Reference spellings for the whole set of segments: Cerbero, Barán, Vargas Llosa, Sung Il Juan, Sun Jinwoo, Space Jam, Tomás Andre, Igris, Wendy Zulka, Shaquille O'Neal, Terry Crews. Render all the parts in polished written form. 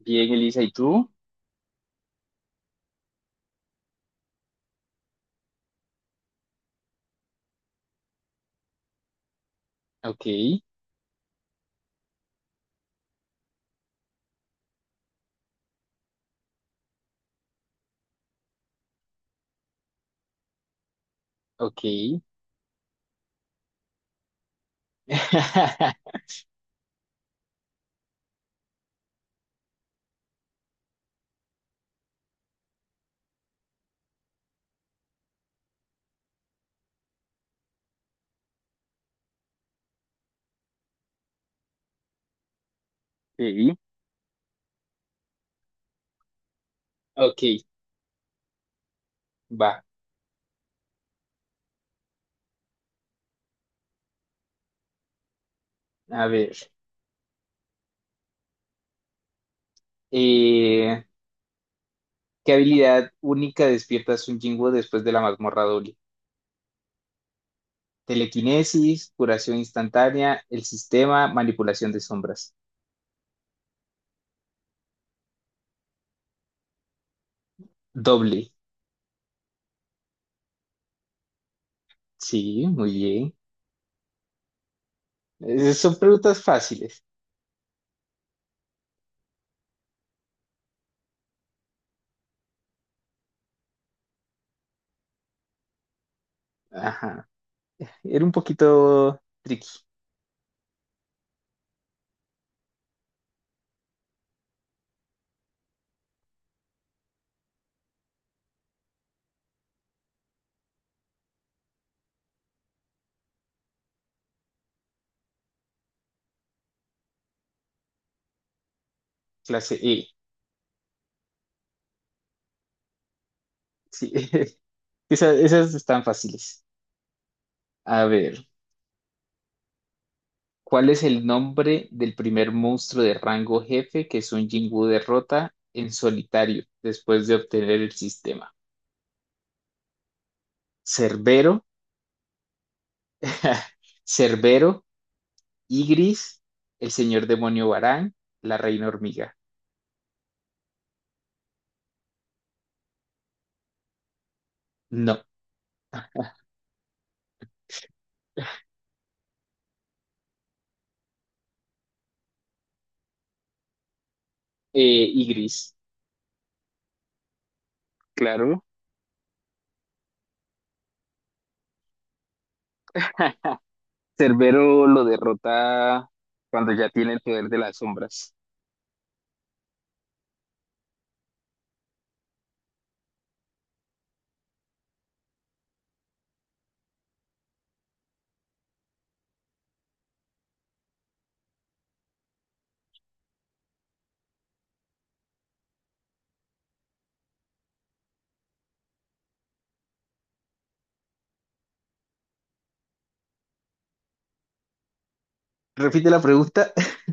Bien, Elisa, ¿y tú? Ok, ok. Sí, ok, va. A ver. eh, ¿Qué habilidad única despiertas un Jinwoo después de la mazmorra doble? Telequinesis, curación instantánea, el sistema, manipulación de sombras. Doble. Sí, muy bien. Son preguntas fáciles. Ajá. Era un poquito tricky. Clase E. Sí. Esas están fáciles. A ver. ¿Cuál es el nombre del primer monstruo de rango jefe que Sun Jinwoo derrota en solitario después de obtener el sistema? Cerbero, Cerbero, Igris, el señor demonio Barán, la reina hormiga. No, eh, Igris. Claro. Cerbero lo derrota cuando ya tiene el poder de las sombras. Repite la pregunta.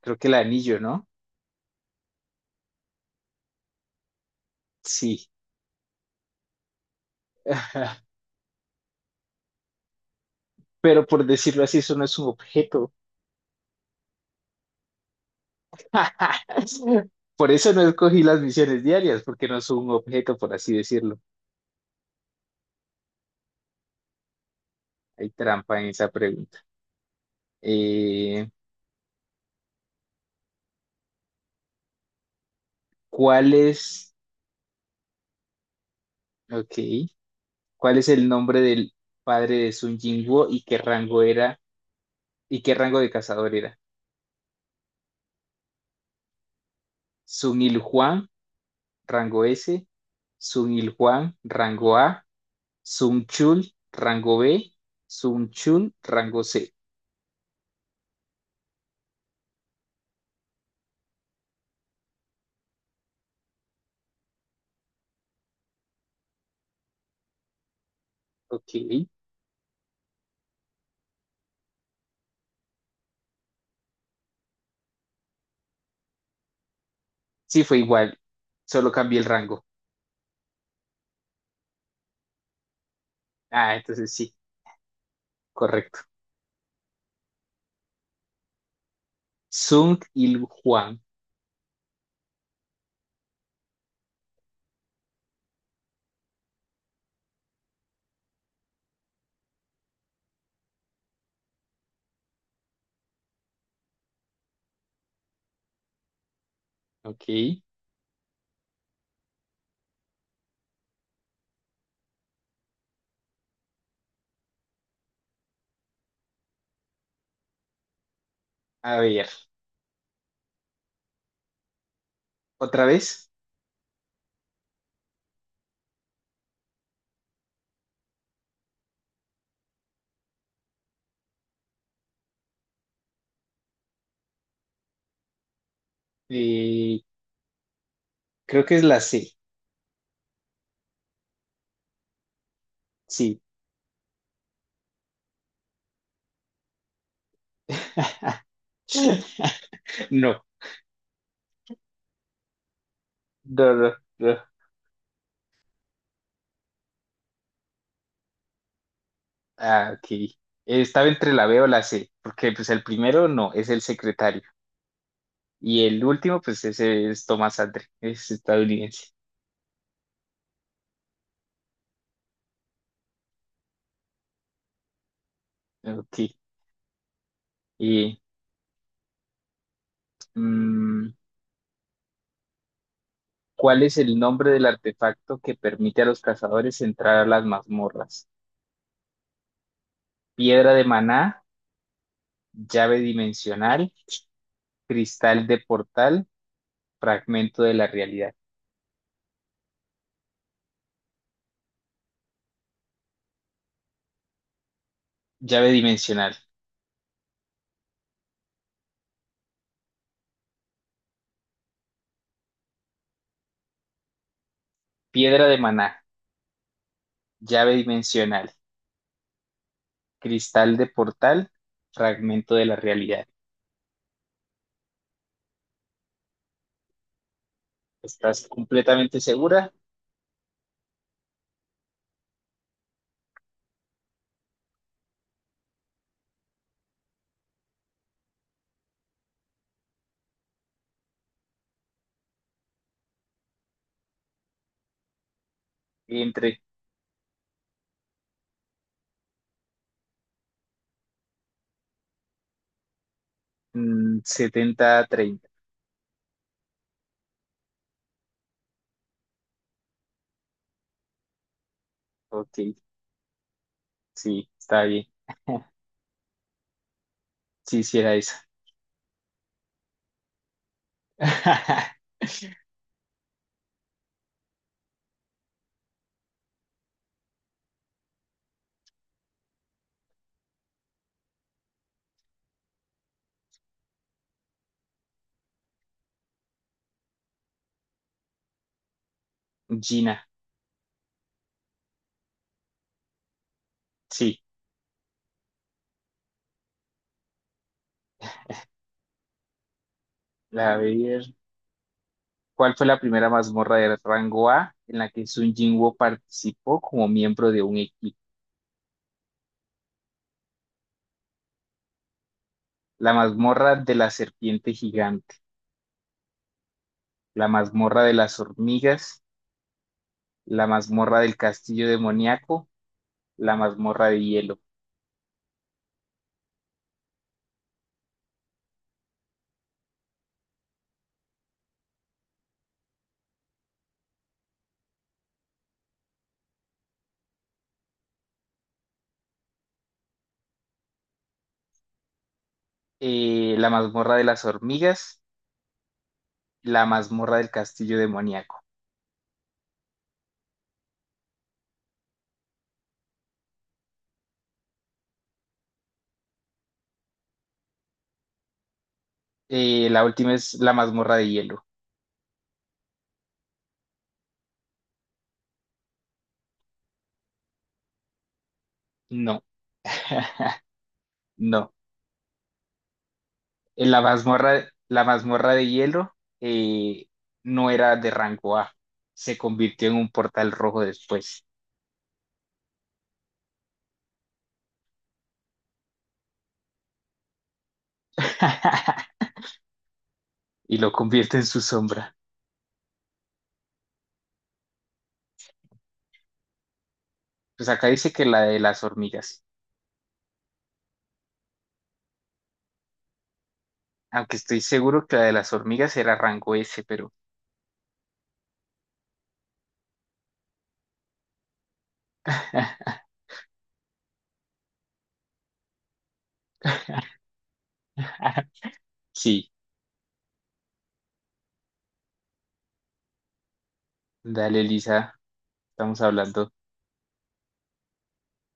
Creo que el anillo, ¿no? Sí. Pero por decirlo así, eso no es un objeto. Por eso no escogí las misiones diarias, porque no son un objeto, por así decirlo. Hay trampa en esa pregunta. Eh, ¿Cuál es, ok, cuál es el nombre del padre de Sun Jinwoo y qué rango era y qué rango de cazador era? Sun Il Juan, rango S, Sun Il Juan, rango A, Sun Chul, rango B, Sun Chul, rango C. Ok, sí fue igual, solo cambié el rango. Ah, entonces sí, correcto. Sung Il Juan. Ok. A ver, otra vez. Eh, Creo que es la C. Sí. No, no, no, no. Ah, ok. Estaba entre la B o la C, porque pues el primero no, es el secretario. Y el último, pues ese es Tomás Andre, es estadounidense. Ok. Y, mm, ¿cuál es el nombre del artefacto que permite a los cazadores entrar a las mazmorras? Piedra de maná, llave dimensional, cristal de portal, fragmento de la realidad, llave dimensional, piedra de maná, llave dimensional, cristal de portal, fragmento de la realidad. ¿Estás completamente segura? Entre 70 a 30. Ok, sí, está bien. Sí, sí era esa. Gina, sí. La, ver, ¿Cuál fue la primera mazmorra de rango A en la que Sun Jinwoo participó como miembro de un equipo? La mazmorra de la serpiente gigante, la mazmorra de las hormigas, la mazmorra del castillo demoníaco, la mazmorra de hielo, la mazmorra de las hormigas, la mazmorra del castillo demoníaco. La última es la mazmorra de hielo. No, no. La mazmorra de hielo eh, no era de rango A. Se convirtió en un portal rojo después. Y lo convierte en su sombra. Pues acá dice que la de las hormigas. Aunque estoy seguro que la de las hormigas era rango S, pero sí, dale, Lisa, estamos hablando.